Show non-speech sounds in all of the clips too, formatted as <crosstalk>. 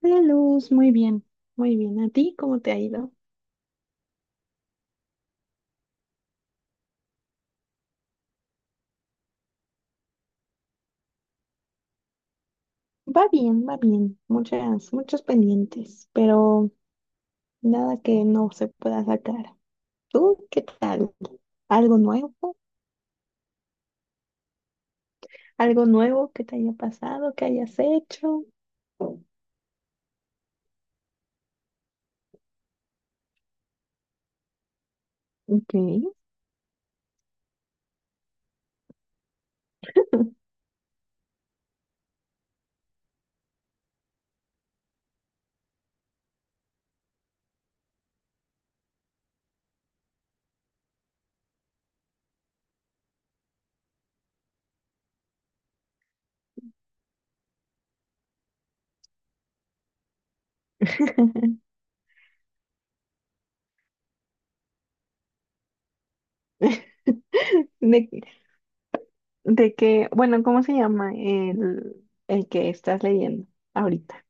Hola Luz, muy bien, muy bien. ¿A ti cómo te ha ido? Va bien, va bien. Muchos pendientes, pero nada que no se pueda sacar. ¿Tú qué tal? ¿Algo nuevo? ¿Algo nuevo que te haya pasado, que hayas hecho? Ok. <laughs> De, bueno, ¿cómo se llama el que estás leyendo ahorita?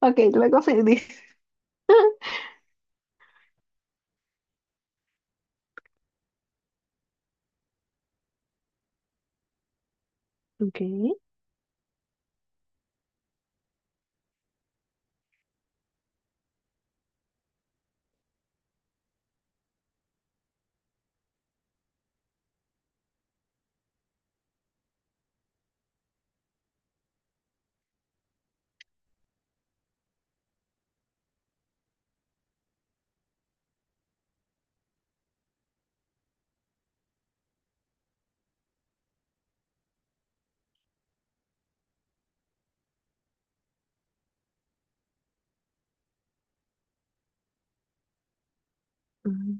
Ok, luego me dices. <laughs> Ok. Ujú.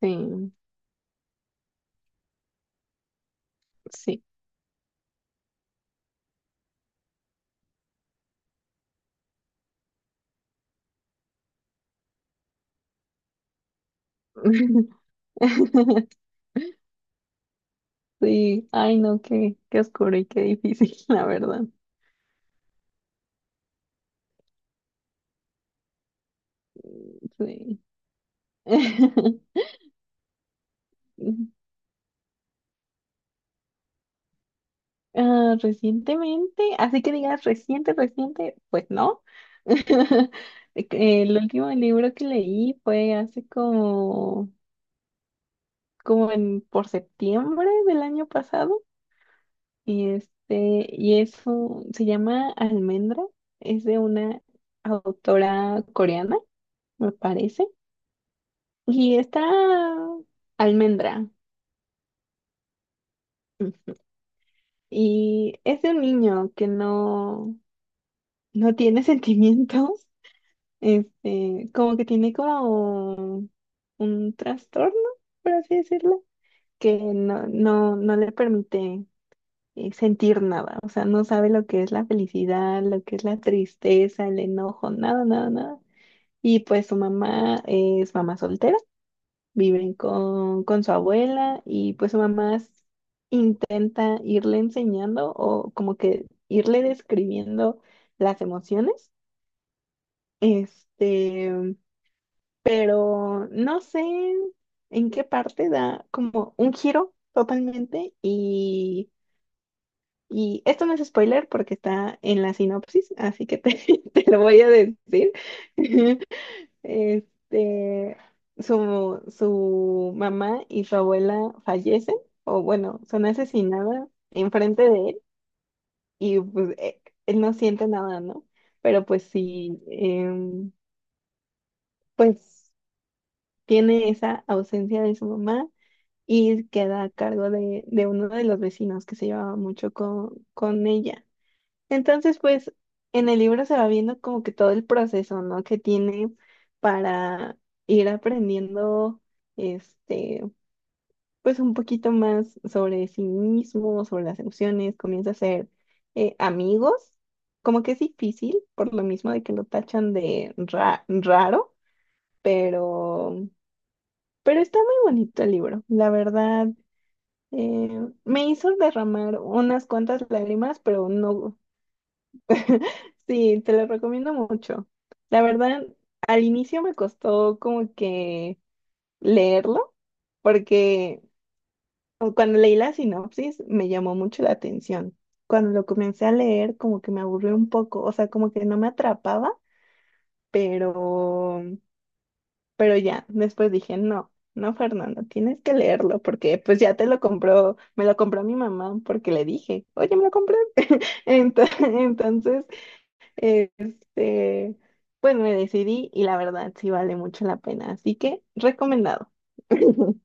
Sí, sí. <laughs> Sí, ay no, qué oscuro y qué difícil, <laughs> la verdad. Sí. <laughs> Ah, recientemente, así que digas reciente, pues no. <laughs> El último libro que leí fue hace como, como en, por septiembre del año pasado. Y este, y se llama Almendra, es de una autora coreana, me parece. Y está Almendra. Y es de un niño que no tiene <laughs> sentimientos, este, como que tiene como un trastorno, por así decirlo, que no le permite sentir nada, o sea, no sabe lo que es la felicidad, lo que es la tristeza, el enojo, nada, nada, nada. Y pues su mamá es mamá soltera. Viven con su abuela y pues intenta irle enseñando o como que irle describiendo las emociones. Este, pero no sé en qué parte da como un giro totalmente y esto no es spoiler porque está en la sinopsis, así que te, <laughs> te lo voy a decir. <laughs> Este, su mamá y su abuela fallecen, o bueno, son asesinadas enfrente de él, y pues él no siente nada, ¿no? Pero pues sí, pues tiene esa ausencia de su mamá y queda a cargo de uno de los vecinos que se llevaba mucho con ella. Entonces, pues en el libro se va viendo como que todo el proceso, ¿no? Que tiene para ir aprendiendo, este, pues un poquito más sobre sí mismo, sobre las emociones, comienza a ser amigos, como que es difícil por lo mismo de que lo tachan raro, pero, pero está muy bonito el libro, la verdad. Eh, me hizo derramar unas cuantas lágrimas, pero no. Sí, te lo recomiendo mucho. La verdad, al inicio me costó como que leerlo, porque cuando leí la sinopsis me llamó mucho la atención. Cuando lo comencé a leer, como que me aburrió un poco, o sea, como que no me atrapaba, pero, pero ya, después dije, no, Fernando, tienes que leerlo, porque me lo compró mi mamá, porque le dije, oye, me lo compré. <laughs> Entonces, este, pues me decidí y la verdad sí vale mucho la pena. Así que recomendado. <laughs>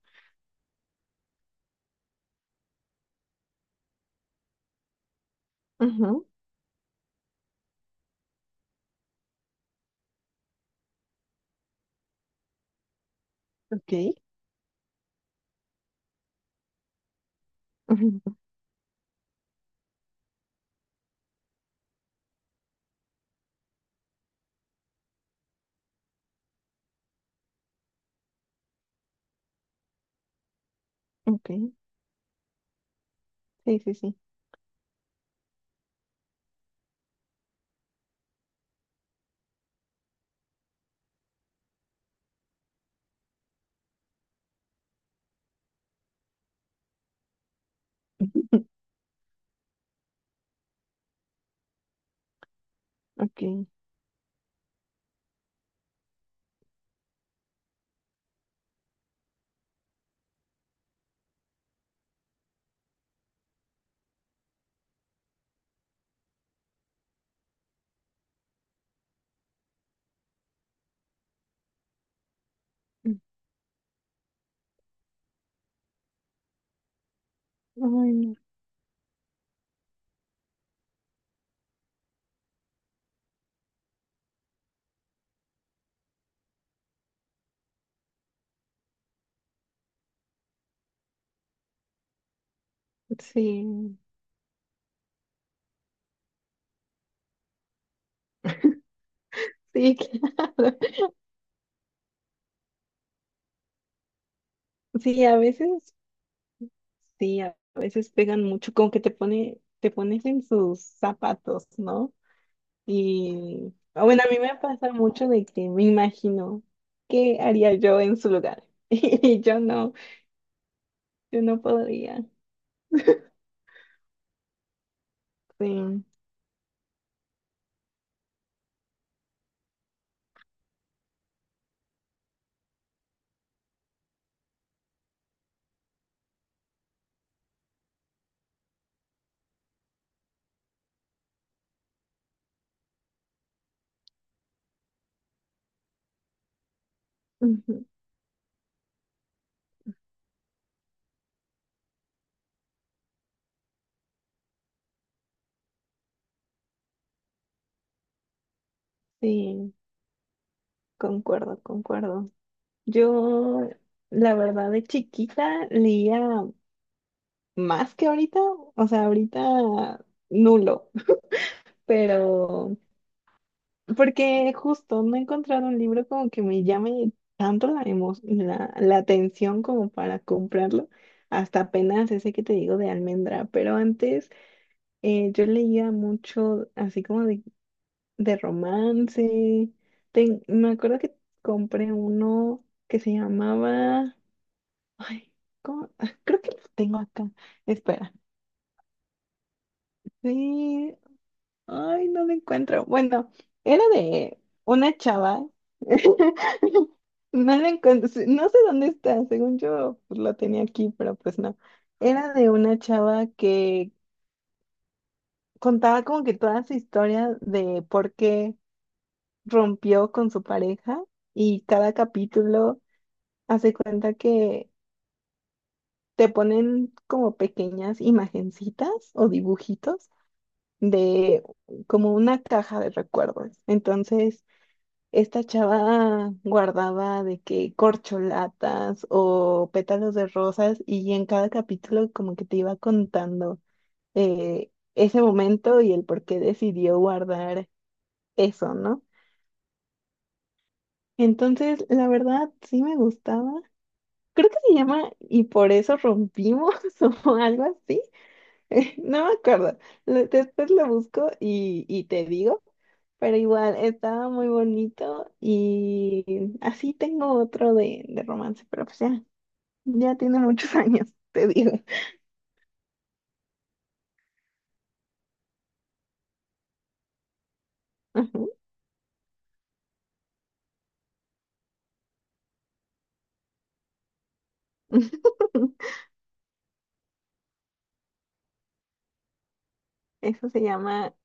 Ujú, ok. Ujú, ok. Sí, sí, sí. Ok. Mm. Ay, no. Sí, sí, <laughs> claro. Sí, a veces, sí, a veces pegan mucho, como que te pones en sus zapatos, ¿no? Y ah, bueno, a mí me pasa mucho de que me imagino qué haría yo en su lugar. <laughs> Y yo no, yo no podría. Sí, ujú, sí, concuerdo, concuerdo. Yo, la verdad, de chiquita leía más que ahorita, o sea, ahorita nulo, pero porque justo no he encontrado un libro como que me llame tanto la atención como para comprarlo, hasta apenas ese que te digo de Almendra, pero antes yo leía mucho así como de romance. Me acuerdo que compré uno que se llamaba. Ay, ¿cómo? Ah, creo que lo tengo acá. Espera. Sí. Ay, no lo encuentro. Bueno, era de una chava. <laughs> No lo encuentro. Sí, no sé dónde está. Según yo, pues, lo tenía aquí, pero pues no. Era de una chava que contaba como que toda su historia de por qué rompió con su pareja y cada capítulo. Hace cuenta que te ponen como pequeñas imagencitas o dibujitos de como una caja de recuerdos. Entonces, esta chava guardaba de que corcholatas o pétalos de rosas y en cada capítulo como que te iba contando ese momento y el por qué decidió guardar eso, ¿no? Entonces, la verdad, sí me gustaba. Creo que se llama Y por eso rompimos <laughs> o algo así. <laughs> No me acuerdo. Después lo busco y te digo. Pero igual, estaba muy bonito y así tengo otro de romance, pero pues ya, ya tiene muchos <laughs> años, te digo. Ajá. <laughs> Eso se llama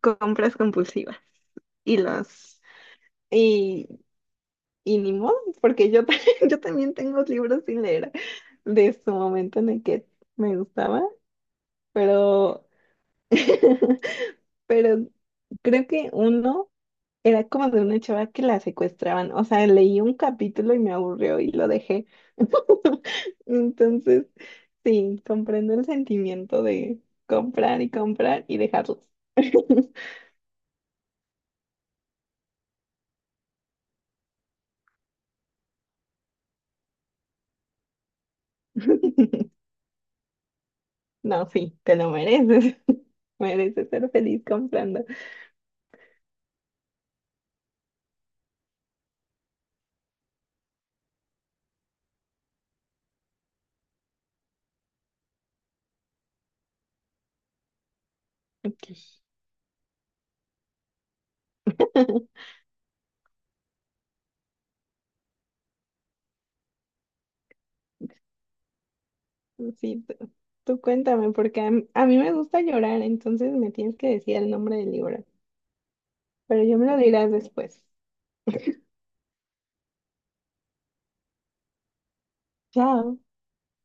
compras compulsivas. Y los, y, y ni modo, porque <laughs> yo también tengo libros sin leer de su momento en el que me gustaba, pero, <laughs> pero creo que uno. Era como de una chava que la secuestraban. O sea, leí un capítulo y me aburrió y lo dejé. <laughs> Entonces, sí, comprendo el sentimiento de comprar y comprar y dejarlos. <laughs> No, sí, te lo mereces. <laughs> Mereces ser feliz comprando. Ok. <laughs> Sí, tú cuéntame, porque a mí me gusta llorar, entonces me tienes que decir el nombre del libro. Pero yo me lo dirás después. Chao.